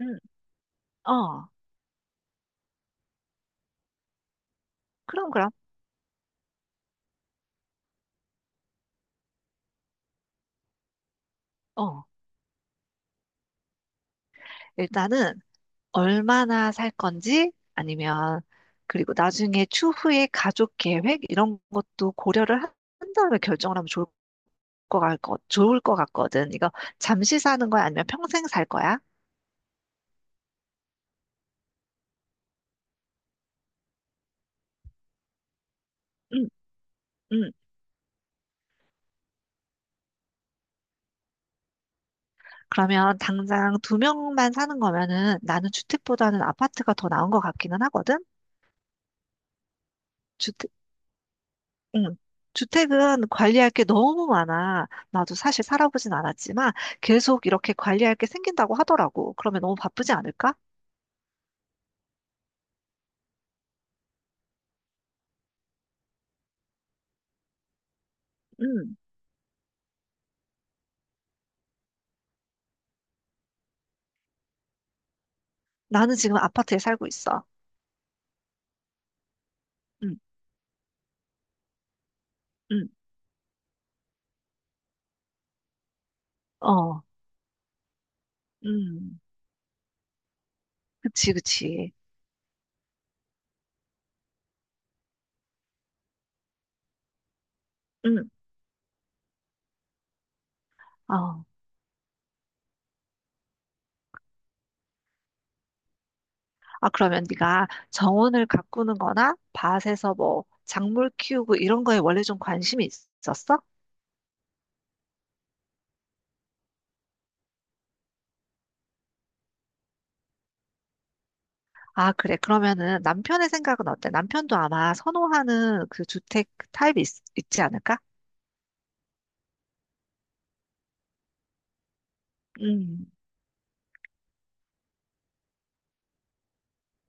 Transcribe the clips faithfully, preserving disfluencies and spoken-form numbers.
음, 어, 그럼, 그럼. 어, 일단은 얼마나 살 건지, 아니면 그리고 나중에 추후에 가족 계획 이런 것도 고려를 한 다음에 결정을 하면 좋을 것 같, 좋을 것 같거든. 이거 잠시 사는 거야? 아니면 평생 살 거야? 응. 응. 그러면 당장 두 명만 사는 거면은 나는 주택보다는 아파트가 더 나은 것 같기는 하거든? 응. 주택은 관리할 게 너무 많아. 나도 사실 살아보진 않았지만 계속 이렇게 관리할 게 생긴다고 하더라고. 그러면 너무 바쁘지 않을까? 응. 나는 지금 아파트에 살고 있어. 응, 응, 어, 응. 그치, 그치. 응, 어. 아, 그러면 네가 정원을 가꾸는 거나 밭에서 뭐 작물 키우고 이런 거에 원래 좀 관심이 있었어? 아, 그래. 그러면은 남편의 생각은 어때? 남편도 아마 선호하는 그 주택 타입이 있, 있지 않을까? 음.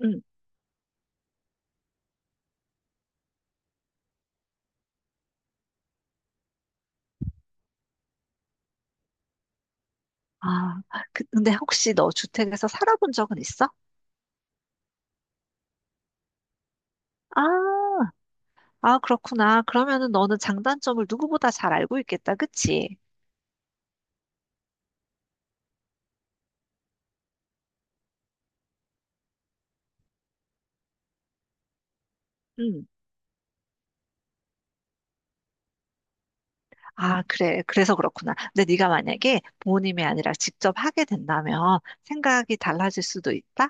응. 아, 그- 근데 혹시 너 주택에서 살아본 적은 있어? 아, 아, 그렇구나. 그러면은 너는 장단점을 누구보다 잘 알고 있겠다. 그치? 응. 아, 그래. 그래서 그렇구나. 근데 네가 만약에 부모님이 아니라 직접 하게 된다면 생각이 달라질 수도 있다?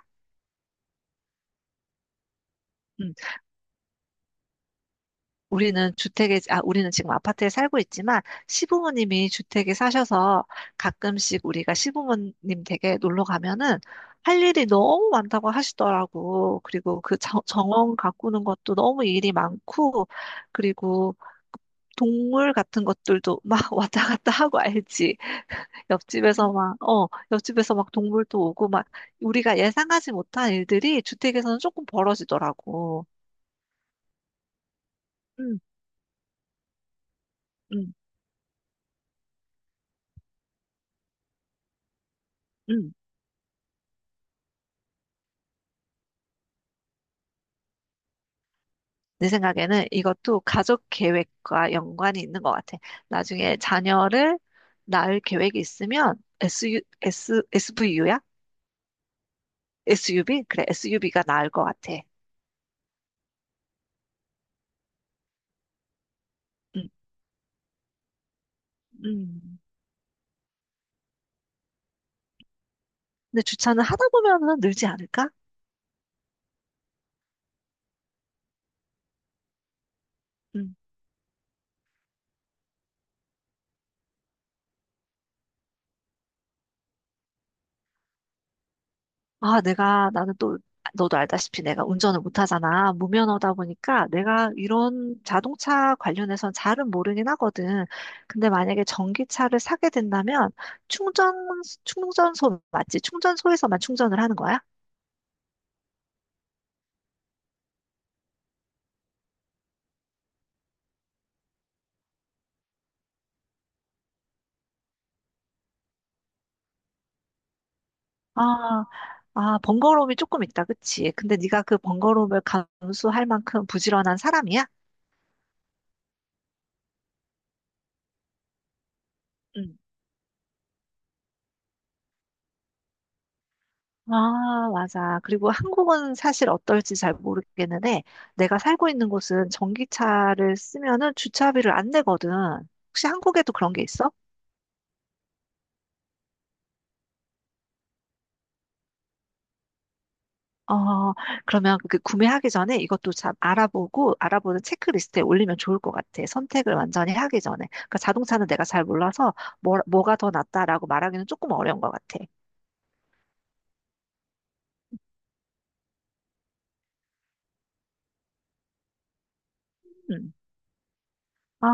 우리는 주택에, 아, 우리는 지금 아파트에 살고 있지만 시부모님이 주택에 사셔서 가끔씩 우리가 시부모님 댁에 놀러 가면은 할 일이 너무 많다고 하시더라고. 그리고 그 정- 정원 가꾸는 것도 너무 일이 많고, 그리고 동물 같은 것들도 막 왔다 갔다 하고 알지. 옆집에서 막, 어, 옆집에서 막 동물도 오고 막 우리가 예상하지 못한 일들이 주택에서는 조금 벌어지더라고. 응, 응, 응. 내 생각에는 이것도 가족 계획과 연관이 있는 것 같아. 나중에 자녀를 낳을 계획이 있으면 에스유 v u 야. 에스유브이? 그래, 에스유브이가 나을 것 같아. 음, 음. 근데 주차는 하다 보면은 늘지 않을까? 아, 내가, 나는 또, 너도 알다시피 내가 운전을 못하잖아. 무면허다 보니까 내가 이런 자동차 관련해선 잘은 모르긴 하거든. 근데 만약에 전기차를 사게 된다면 충전, 충전소 맞지? 충전소에서만 충전을 하는 거야? 아, 아, 번거로움이 조금 있다. 그치? 근데 네가 그 번거로움을 감수할 만큼 부지런한 사람이야? 응. 아, 맞아. 그리고 한국은 사실 어떨지 잘 모르겠는데, 내가 살고 있는 곳은 전기차를 쓰면은 주차비를 안 내거든. 혹시 한국에도 그런 게 있어? 어, 그러면 그 구매하기 전에 이것도 참 알아보고, 알아보는 체크리스트에 올리면 좋을 것 같아. 선택을 완전히 하기 전에. 그러니까 자동차는 내가 잘 몰라서, 뭐, 뭐가 더 낫다라고 말하기는 조금 어려운 것 같아. 음. 아,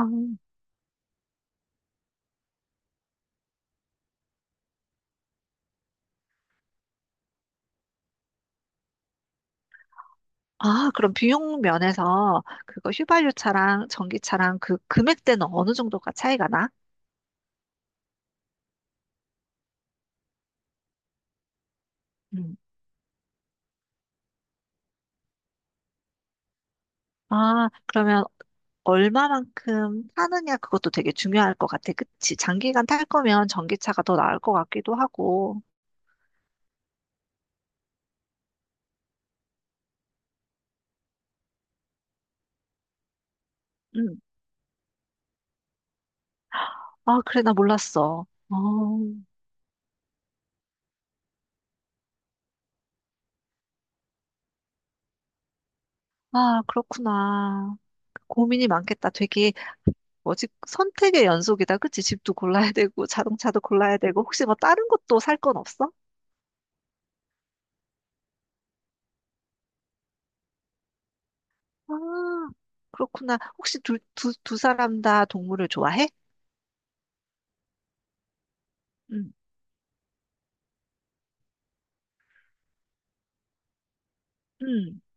아, 그럼 비용 면에서 그거 휘발유 차랑 전기차랑 그 금액대는 어느 정도가 차이가 나? 음. 아, 그러면 얼마만큼 타느냐 그것도 되게 중요할 것 같아. 그치? 장기간 탈 거면 전기차가 더 나을 것 같기도 하고. 음. 아, 그래, 나 몰랐어. 어. 아, 그렇구나. 고민이 많겠다. 되게 뭐지? 선택의 연속이다. 그치? 집도 골라야 되고 자동차도 골라야 되고 혹시 뭐 다른 것도 살 건 없어? 아, 그렇구나. 혹시 두, 두, 두 사람 다 동물을 좋아해? 응. 응.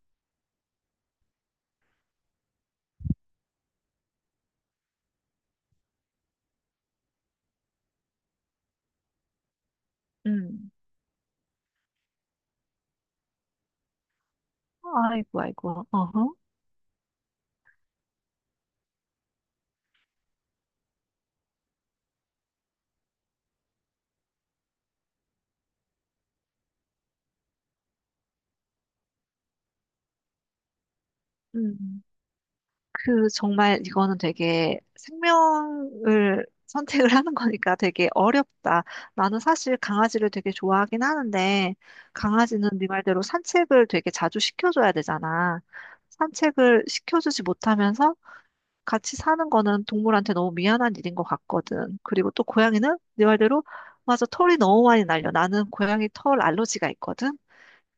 응. 아이고, 아이고. 어허. 응. 그 정말 이거는 되게 생명을 선택을 하는 거니까 되게 어렵다. 나는 사실 강아지를 되게 좋아하긴 하는데 강아지는 네 말대로 산책을 되게 자주 시켜줘야 되잖아. 산책을 시켜주지 못하면서 같이 사는 거는 동물한테 너무 미안한 일인 것 같거든. 그리고 또 고양이는 네 말대로 맞아, 털이 너무 많이 날려. 나는 고양이 털 알러지가 있거든.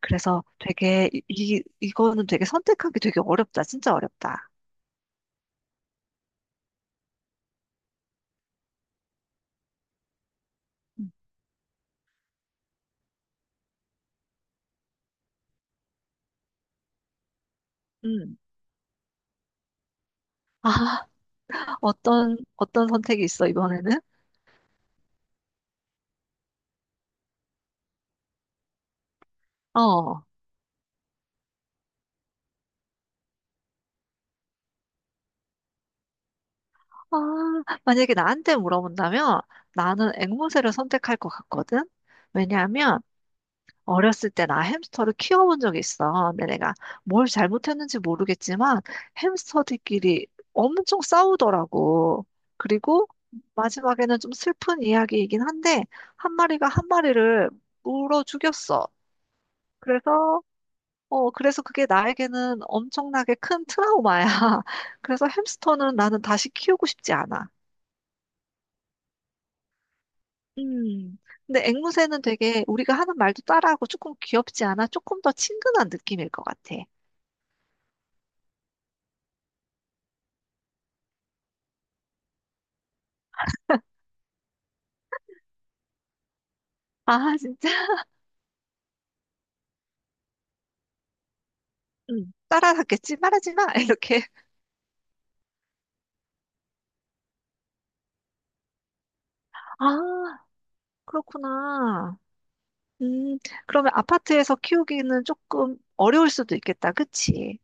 그래서 되게 이, 이 이거는 되게 선택하기 되게 어렵다. 진짜 어렵다. 음. 아, 어떤, 어떤 선택이 있어, 이번에는? 어. 아, 만약에 나한테 물어본다면 나는 앵무새를 선택할 것 같거든? 왜냐하면 어렸을 때 나 햄스터를 키워본 적이 있어. 근데 내가 뭘 잘못했는지 모르겠지만 햄스터들끼리 엄청 싸우더라고. 그리고 마지막에는 좀 슬픈 이야기이긴 한데 한 마리가 한 마리를 물어 죽였어. 그래서 어, 그래서 그게 나에게는 엄청나게 큰 트라우마야. 그래서 햄스터는 나는 다시 키우고 싶지 않아. 음. 근데 앵무새는 되게 우리가 하는 말도 따라하고 조금 귀엽지 않아? 조금 더 친근한 느낌일 것 같아. 아, 진짜? 음. 따라하겠지? 말하지 마! 이렇게. 아, 그렇구나. 음, 그러면 아파트에서 키우기는 조금 어려울 수도 있겠다. 그치?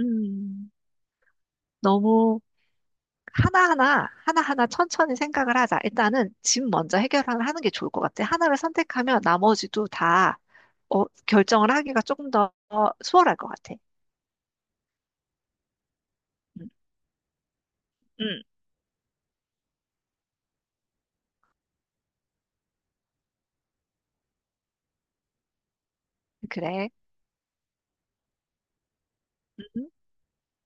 음. 너무 하나하나, 하나하나 천천히 생각을 하자. 일단은 집 먼저 해결하는 하는 게 좋을 것 같아. 하나를 선택하면 나머지도 다 어, 결정을 하기가 조금 더 수월할 것 같아. 응. 응, 그래.